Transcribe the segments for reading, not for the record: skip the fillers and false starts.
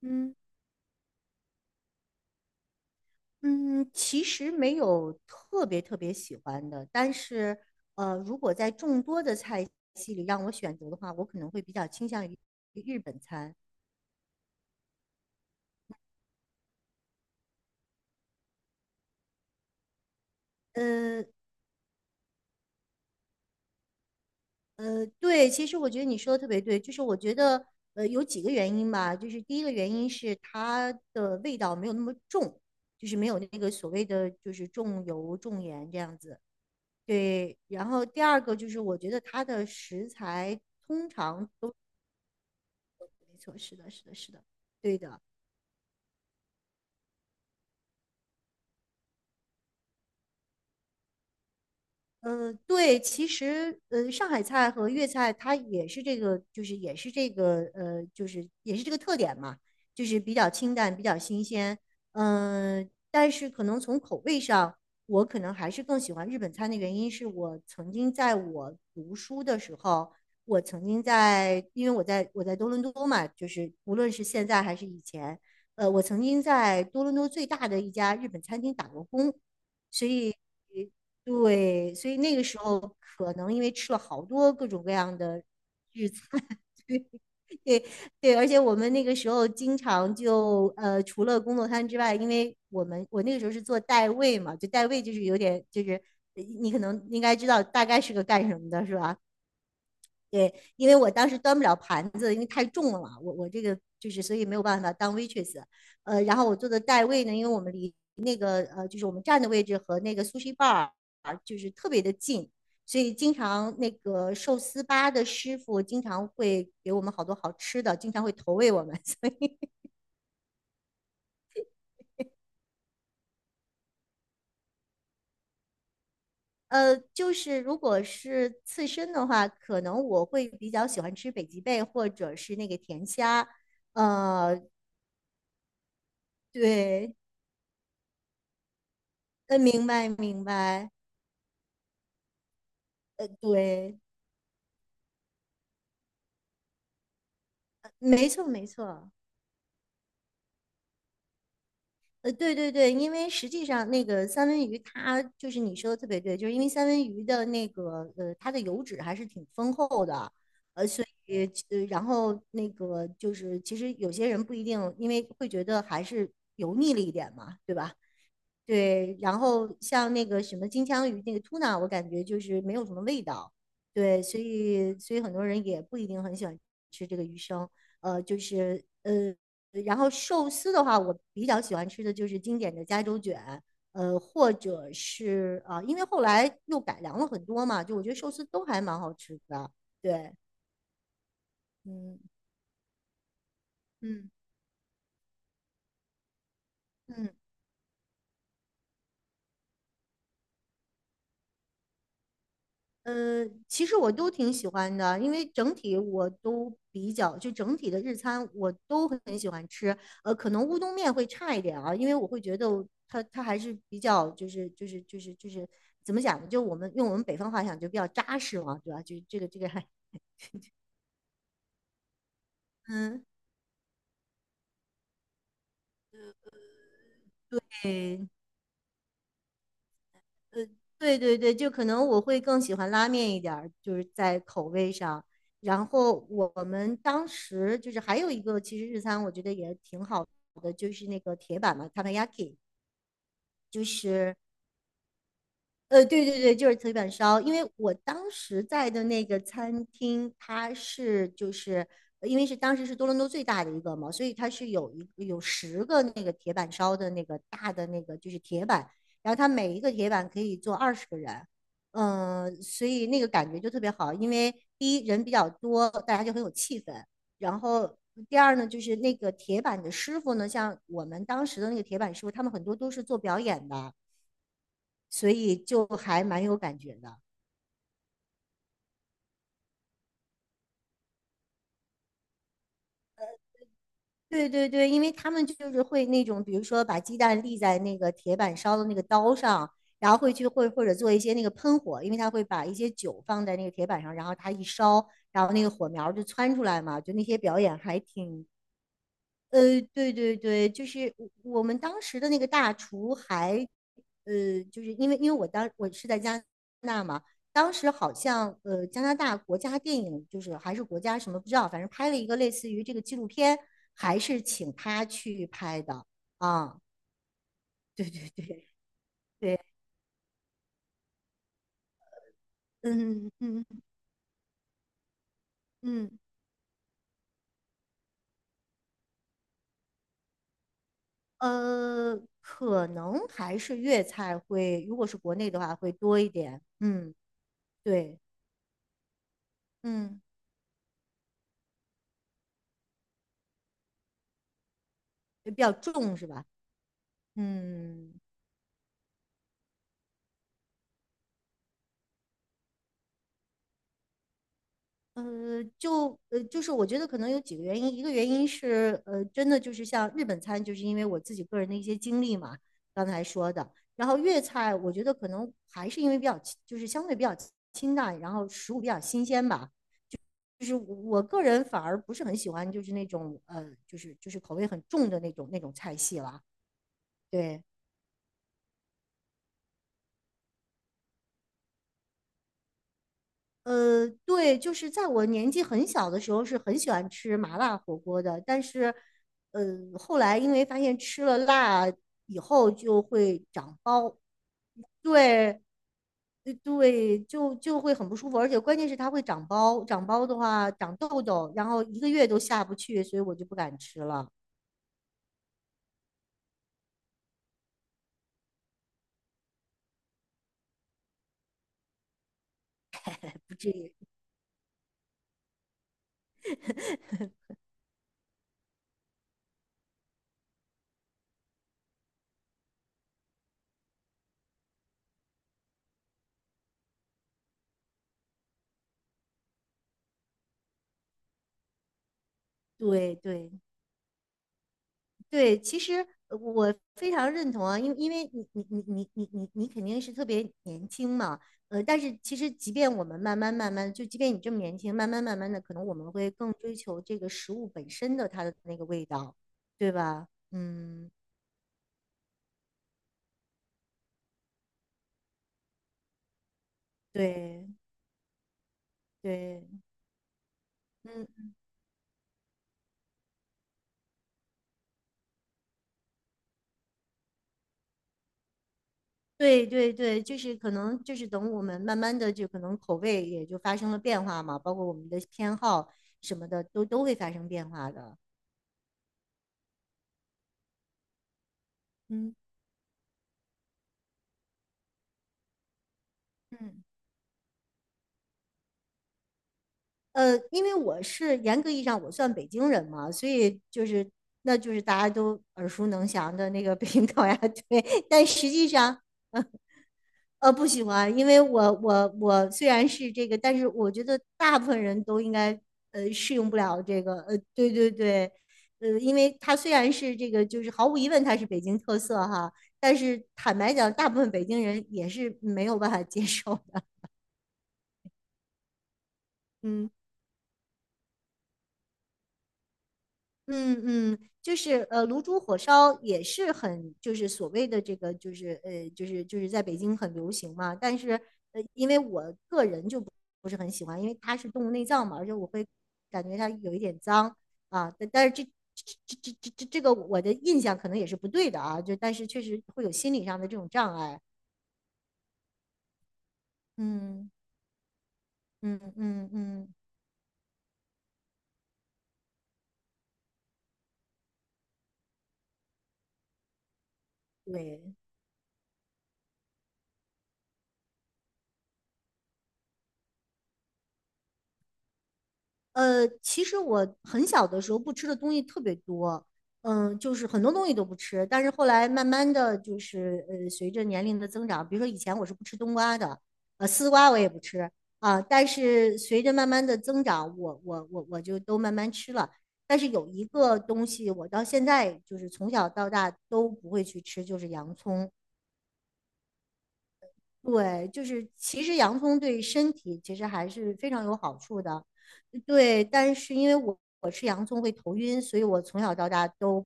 嗯嗯，其实没有特别特别喜欢的，但是如果在众多的菜系里让我选择的话，我可能会比较倾向于日本餐。呃对，其实我觉得你说的特别对，就是我觉得有几个原因吧，就是第一个原因是它的味道没有那么重，就是没有那个所谓的就是重油重盐这样子。对，然后第二个就是我觉得它的食材通常，没错，是的，是的，是的，对的。嗯、对，其实上海菜和粤菜它也是这个，就是也是这个就是也是这个特点嘛，就是比较清淡，比较新鲜。嗯、但是可能从口味上，我可能还是更喜欢日本餐的原因是我曾经在我读书的时候，我曾经在，因为我在多伦多嘛，就是无论是现在还是以前，我曾经在多伦多最大的一家日本餐厅打过工。所以，对，所以那个时候可能因为吃了好多各种各样的日餐，对对，而且我们那个时候经常就除了工作餐之外，因为我那个时候是做代位嘛，就代位就是有点就是你可能应该知道大概是个干什么的，是吧？对，因为我当时端不了盘子，因为太重了，我这个就是所以没有办法当 waitress。然后我做的代位呢，因为我们离那个就是我们站的位置和那个 sushi bar 就是特别的近，所以经常那个寿司吧的师傅经常会给我们好多好吃的，经常会投喂我们。所以就是如果是刺身的话，可能我会比较喜欢吃北极贝或者是那个甜虾。呃，对，明白明白。对，没错没错，对对对，因为实际上那个三文鱼它就是你说的特别对，就是因为三文鱼的那个它的油脂还是挺丰厚的，所以然后那个就是其实有些人不一定，因为会觉得还是油腻了一点嘛，对吧？对，然后像那个什么金枪鱼那个 tuna，我感觉就是没有什么味道，对，所以很多人也不一定很喜欢吃这个鱼生，就是然后寿司的话，我比较喜欢吃的就是经典的加州卷，或者是啊、因为后来又改良了很多嘛，就我觉得寿司都还蛮好吃的，对，嗯嗯嗯。其实我都挺喜欢的，因为整体我都比较，就整体的日餐我都很喜欢吃。可能乌冬面会差一点啊，因为我会觉得它还是比较就是怎么讲呢？就我们用我们北方话讲就比较扎实嘛，对吧？就这个这个还嗯，对，呃，对对对，就可能我会更喜欢拉面一点儿，就是在口味上。然后我们当时就是还有一个，其实日餐我觉得也挺好的，就是那个铁板嘛 Takayaki 就是对对对，就是铁板烧。因为我当时在的那个餐厅，它是就是因为是当时是多伦多最大的一个嘛，所以它是有十个那个铁板烧的那个大的那个就是铁板，然后它每一个铁板可以坐20个人，嗯、所以那个感觉就特别好。因为第一人比较多，大家就很有气氛，然后。第二呢，就是那个铁板的师傅呢，像我们当时的那个铁板师傅，他们很多都是做表演的，所以就还蛮有感觉的。对对对，因为他们就是会那种，比如说把鸡蛋立在那个铁板烧的那个刀上，然后会或者做一些那个喷火，因为他会把一些酒放在那个铁板上，然后它一烧，然后那个火苗就窜出来嘛，就那些表演还挺对对对，就是我们当时的那个大厨还，就是因为我是在加拿大嘛，当时好像加拿大国家电影就是还是国家什么不知道，反正拍了一个类似于这个纪录片，还是请他去拍的啊，对对对对，嗯嗯嗯，可能还是粤菜会，如果是国内的话会多一点，嗯，对，嗯，比较重是吧？嗯，就是我觉得可能有几个原因，一个原因是，真的就是像日本餐，就是因为我自己个人的一些经历嘛，刚才说的。然后粤菜，我觉得可能还是因为比较清就是相对比较清淡，然后食物比较新鲜吧。就是我个人反而不是很喜欢，就是那种就是口味很重的那种菜系了。对，对，就是在我年纪很小的时候是很喜欢吃麻辣火锅的，但是，呃，后来因为发现吃了辣以后就会长包，对，对，就会很不舒服，而且关键是它会长包，长包的话长痘痘，然后一个月都下不去，所以我就不敢吃了。不至于，对对。对，其实我非常认同啊，因为你肯定是特别年轻嘛，但是其实即便我们慢慢慢慢，就即便你这么年轻，慢慢慢慢的，可能我们会更追求这个食物本身的它的那个味道，对吧？嗯，对对，嗯，对对对，就是可能就是等我们慢慢的就可能口味也就发生了变化嘛，包括我们的偏好什么的都会发生变化的，嗯嗯。因为我是严格意义上我算北京人嘛，所以就是那就是大家都耳熟能详的那个北京烤鸭对，但实际上不喜欢，因为我虽然是这个，但是我觉得大部分人都应该适用不了这个，对对对，因为它虽然是这个就是毫无疑问它是北京特色哈，但是坦白讲，大部分北京人也是没有办法接受的。嗯。嗯嗯，就是卤煮火烧也是很，就是所谓的这个，就是就是在北京很流行嘛，但是不是很喜欢，因为它是动物内脏嘛，而且我会感觉它有一点脏啊，但是这这个我的印象可能也是不对的啊，就但是确实会有心理上的这种障碍，嗯嗯嗯嗯，对，其实我很小的时候不吃的东西特别多，嗯，就是很多东西都不吃。但是后来慢慢的就是，随着年龄的增长，比如说以前我是不吃冬瓜的，丝瓜我也不吃啊。但是随着慢慢的增长，我就都慢慢吃了。但是有一个东西，我到现在就是从小到大都不会去吃，就是洋葱。对，就是其实洋葱对身体其实还是非常有好处的，对。但是因为我吃洋葱会头晕，所以我从小到大都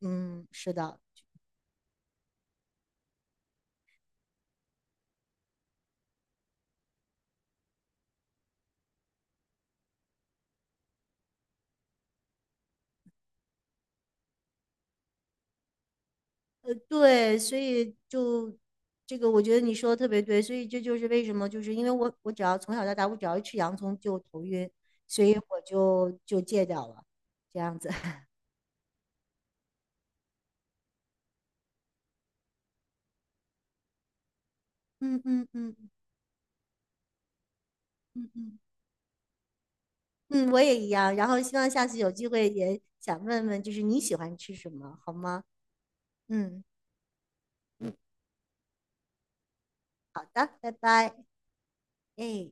嗯是的，对，所以就这个我觉得你说的特别对，所以这就是为什么就是因为我只要从小到大我只要一吃洋葱就头晕，所以我就戒掉了，这样子。嗯嗯嗯嗯嗯，嗯，我也一样。然后希望下次有机会也想问问，就是你喜欢吃什么，好吗？嗯。拜拜，哎。